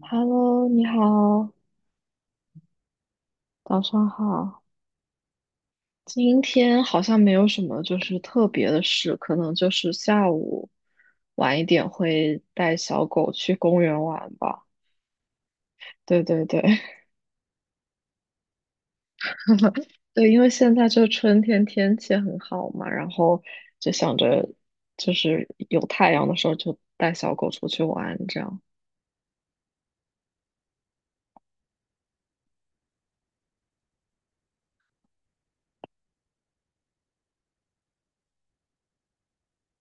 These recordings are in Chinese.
Hello，你好，早上好。今天好像没有什么就是特别的事，可能就是下午晚一点会带小狗去公园玩吧。对对对，对，因为现在就春天天气很好嘛，然后就想着就是有太阳的时候就带小狗出去玩这样。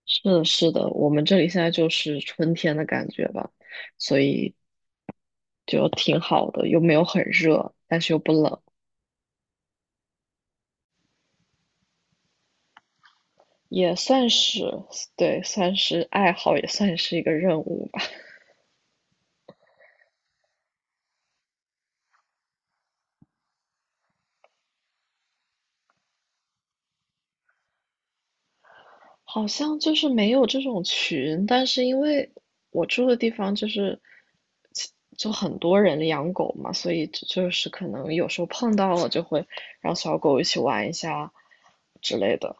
是的，是的，我们这里现在就是春天的感觉吧，所以就挺好的，又没有很热，但是又不冷，也算是，对，算是爱好，也算是一个任务吧。好像就是没有这种群，但是因为我住的地方就是其就很多人养狗嘛，所以就是可能有时候碰到了就会让小狗一起玩一下之类的。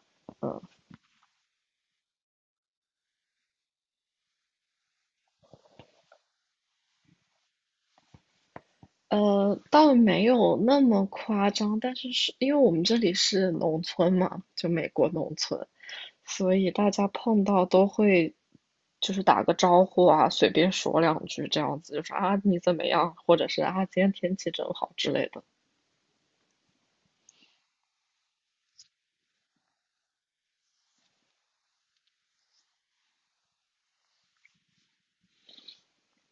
倒没有那么夸张，但是是因为我们这里是农村嘛，就美国农村，所以大家碰到都会就是打个招呼啊，随便说两句这样子，就是啊你怎么样，或者是啊今天天气真好之类的，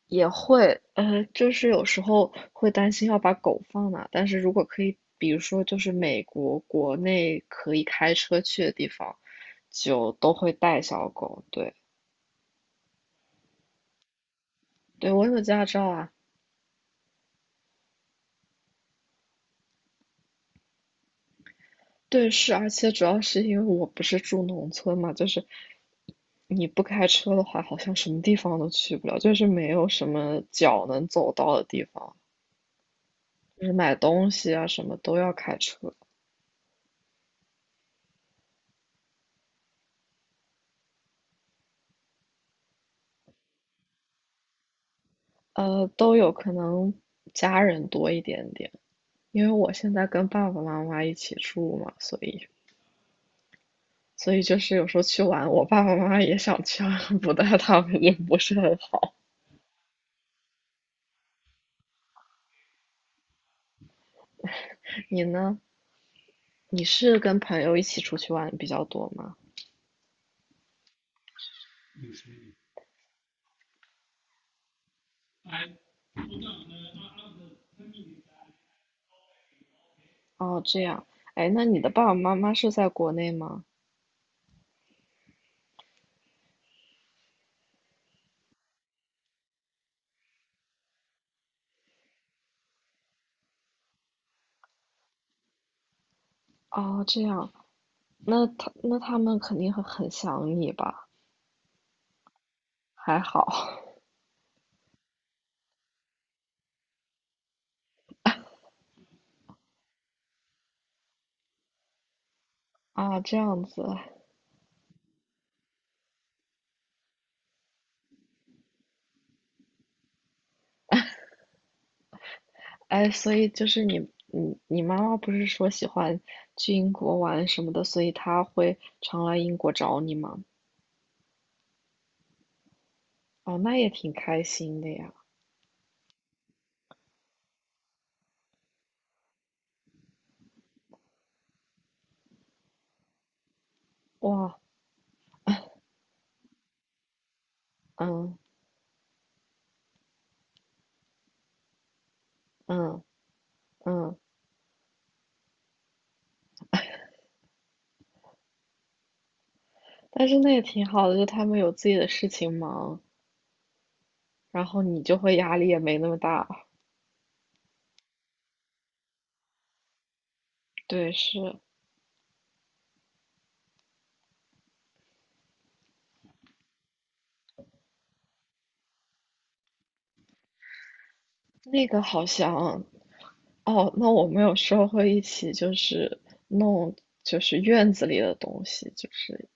也会就是有时候会担心要把狗放哪，但是如果可以，比如说就是美国国内可以开车去的地方，就都会带小狗，对。对，我有驾照啊，对，是，而且主要是因为我不是住农村嘛，就是你不开车的话，好像什么地方都去不了，就是没有什么脚能走到的地方，就是买东西啊什么都要开车，都有可能家人多一点点，因为我现在跟爸爸妈妈一起住嘛，所以就是有时候去玩，我爸爸妈妈也想去啊，不带他们也不是很好。你呢？你是跟朋友一起出去玩比较多吗？哦，这样，哎，那你的爸爸妈妈是在国内吗？哦，这样，那他们肯定会很想你吧？还好 啊，这样子，哎，所以就是你妈妈不是说喜欢去英国玩什么的，所以她会常来英国找你吗？哦，那也挺开心的呀，哇，嗯嗯嗯，但是那也挺好的，就他们有自己的事情忙，然后你就会压力也没那么大。对，是那个好像哦，那我们有时候会一起就是弄就是院子里的东西，就是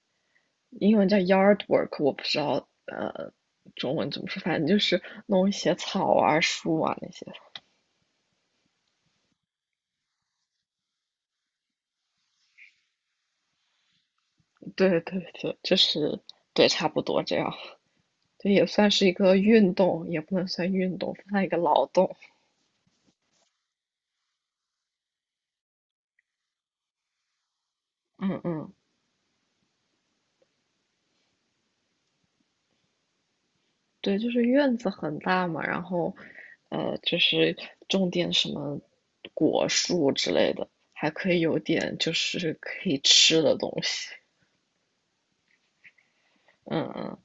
英文叫 yard work，我不知道中文怎么说，反正就是弄一些草啊、树啊那些。对对对，就是对，差不多这样。这也算是一个运动，也不能算运动，算一个劳动。嗯嗯。对，就是院子很大嘛，然后，就是种点什么果树之类的，还可以有点就是可以吃的东西。嗯嗯，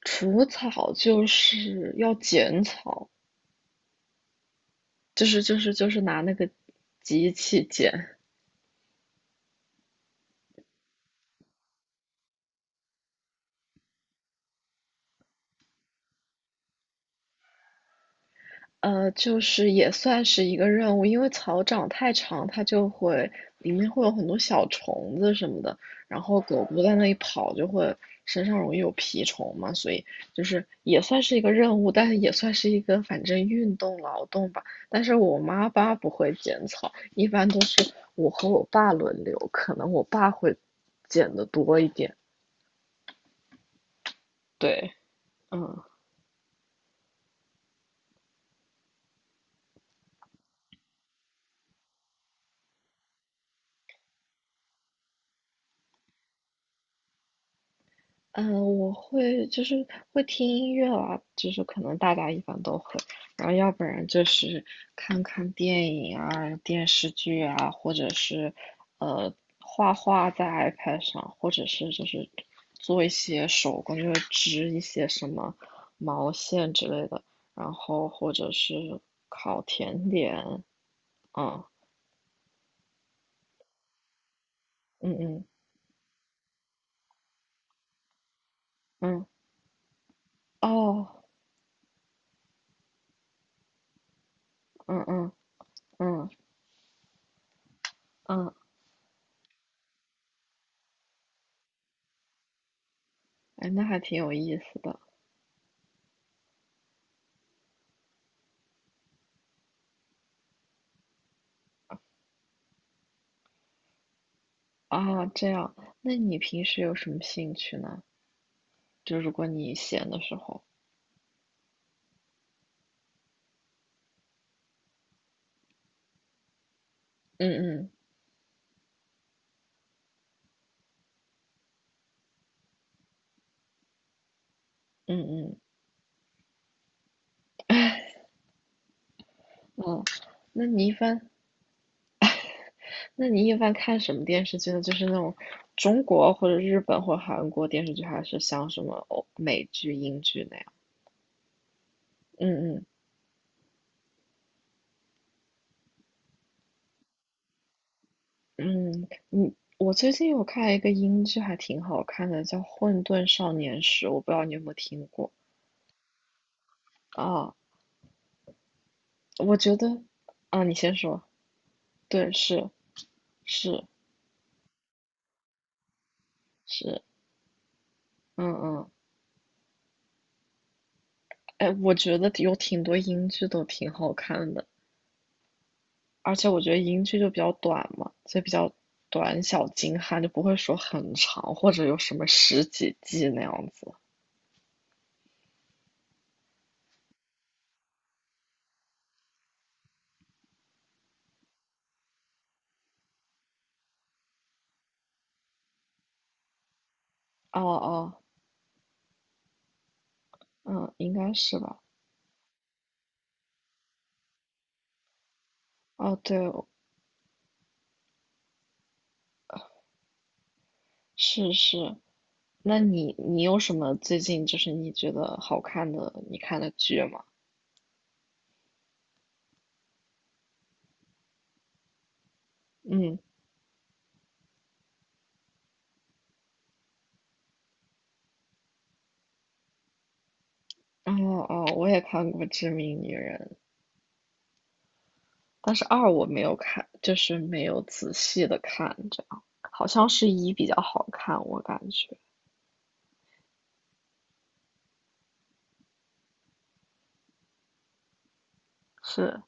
除草就是要剪草，就是拿那个机器剪。就是也算是一个任务，因为草长太长，它就会里面会有很多小虫子什么的，然后狗狗在那里跑就会身上容易有蜱虫嘛，所以就是也算是一个任务，但是也算是一个反正运动劳动吧。但是我妈爸不会剪草，一般都是我和我爸轮流，可能我爸会剪的多一点。对，嗯。嗯，我会就是会听音乐啦，就是可能大家一般都会，然后要不然就是看看电影啊、电视剧啊，或者是画画在 iPad 上，或者是就是做一些手工，就是织一些什么毛线之类的，然后或者是烤甜点，嗯嗯嗯嗯，哦，嗯嗯嗯嗯，哎，那还挺有意思的。啊，这样，那你平时有什么兴趣呢？就如果你闲的时候，嗯嗯嗯嗯，哦，那你一般，那你一般看什么电视剧呢？就是那种中国或者日本或者韩国电视剧，还是像什么欧美剧、英剧那样？嗯嗯嗯，我最近有看一个英剧，还挺好看的，叫《混沌少年时》，我不知道你有没有听过啊？我觉得啊，你先说，对，是是是，嗯嗯。哎，我觉得有挺多英剧都挺好看的，而且我觉得英剧就比较短嘛，所以比较短小精悍，就不会说很长或者有什么十几季那样子。哦哦，嗯，应该是吧。哦，对，是是。那你有什么最近就是你觉得好看的你看的剧吗？嗯，哦哦，我也看过《致命女人》。但是二我没有看，就是没有仔细的看，这样好像是一比较好看，我感觉。是，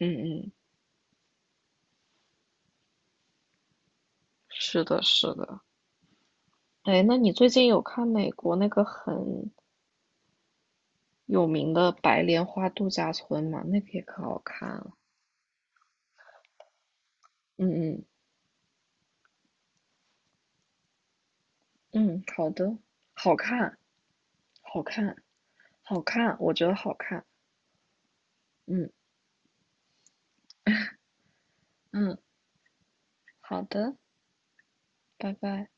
嗯嗯，是的，是的。哎，那你最近有看美国那个很有名的白莲花度假村吗？那个也可好看了。嗯嗯嗯，好的，好看，好看，好看，我觉得好看。嗯嗯，好的，拜拜。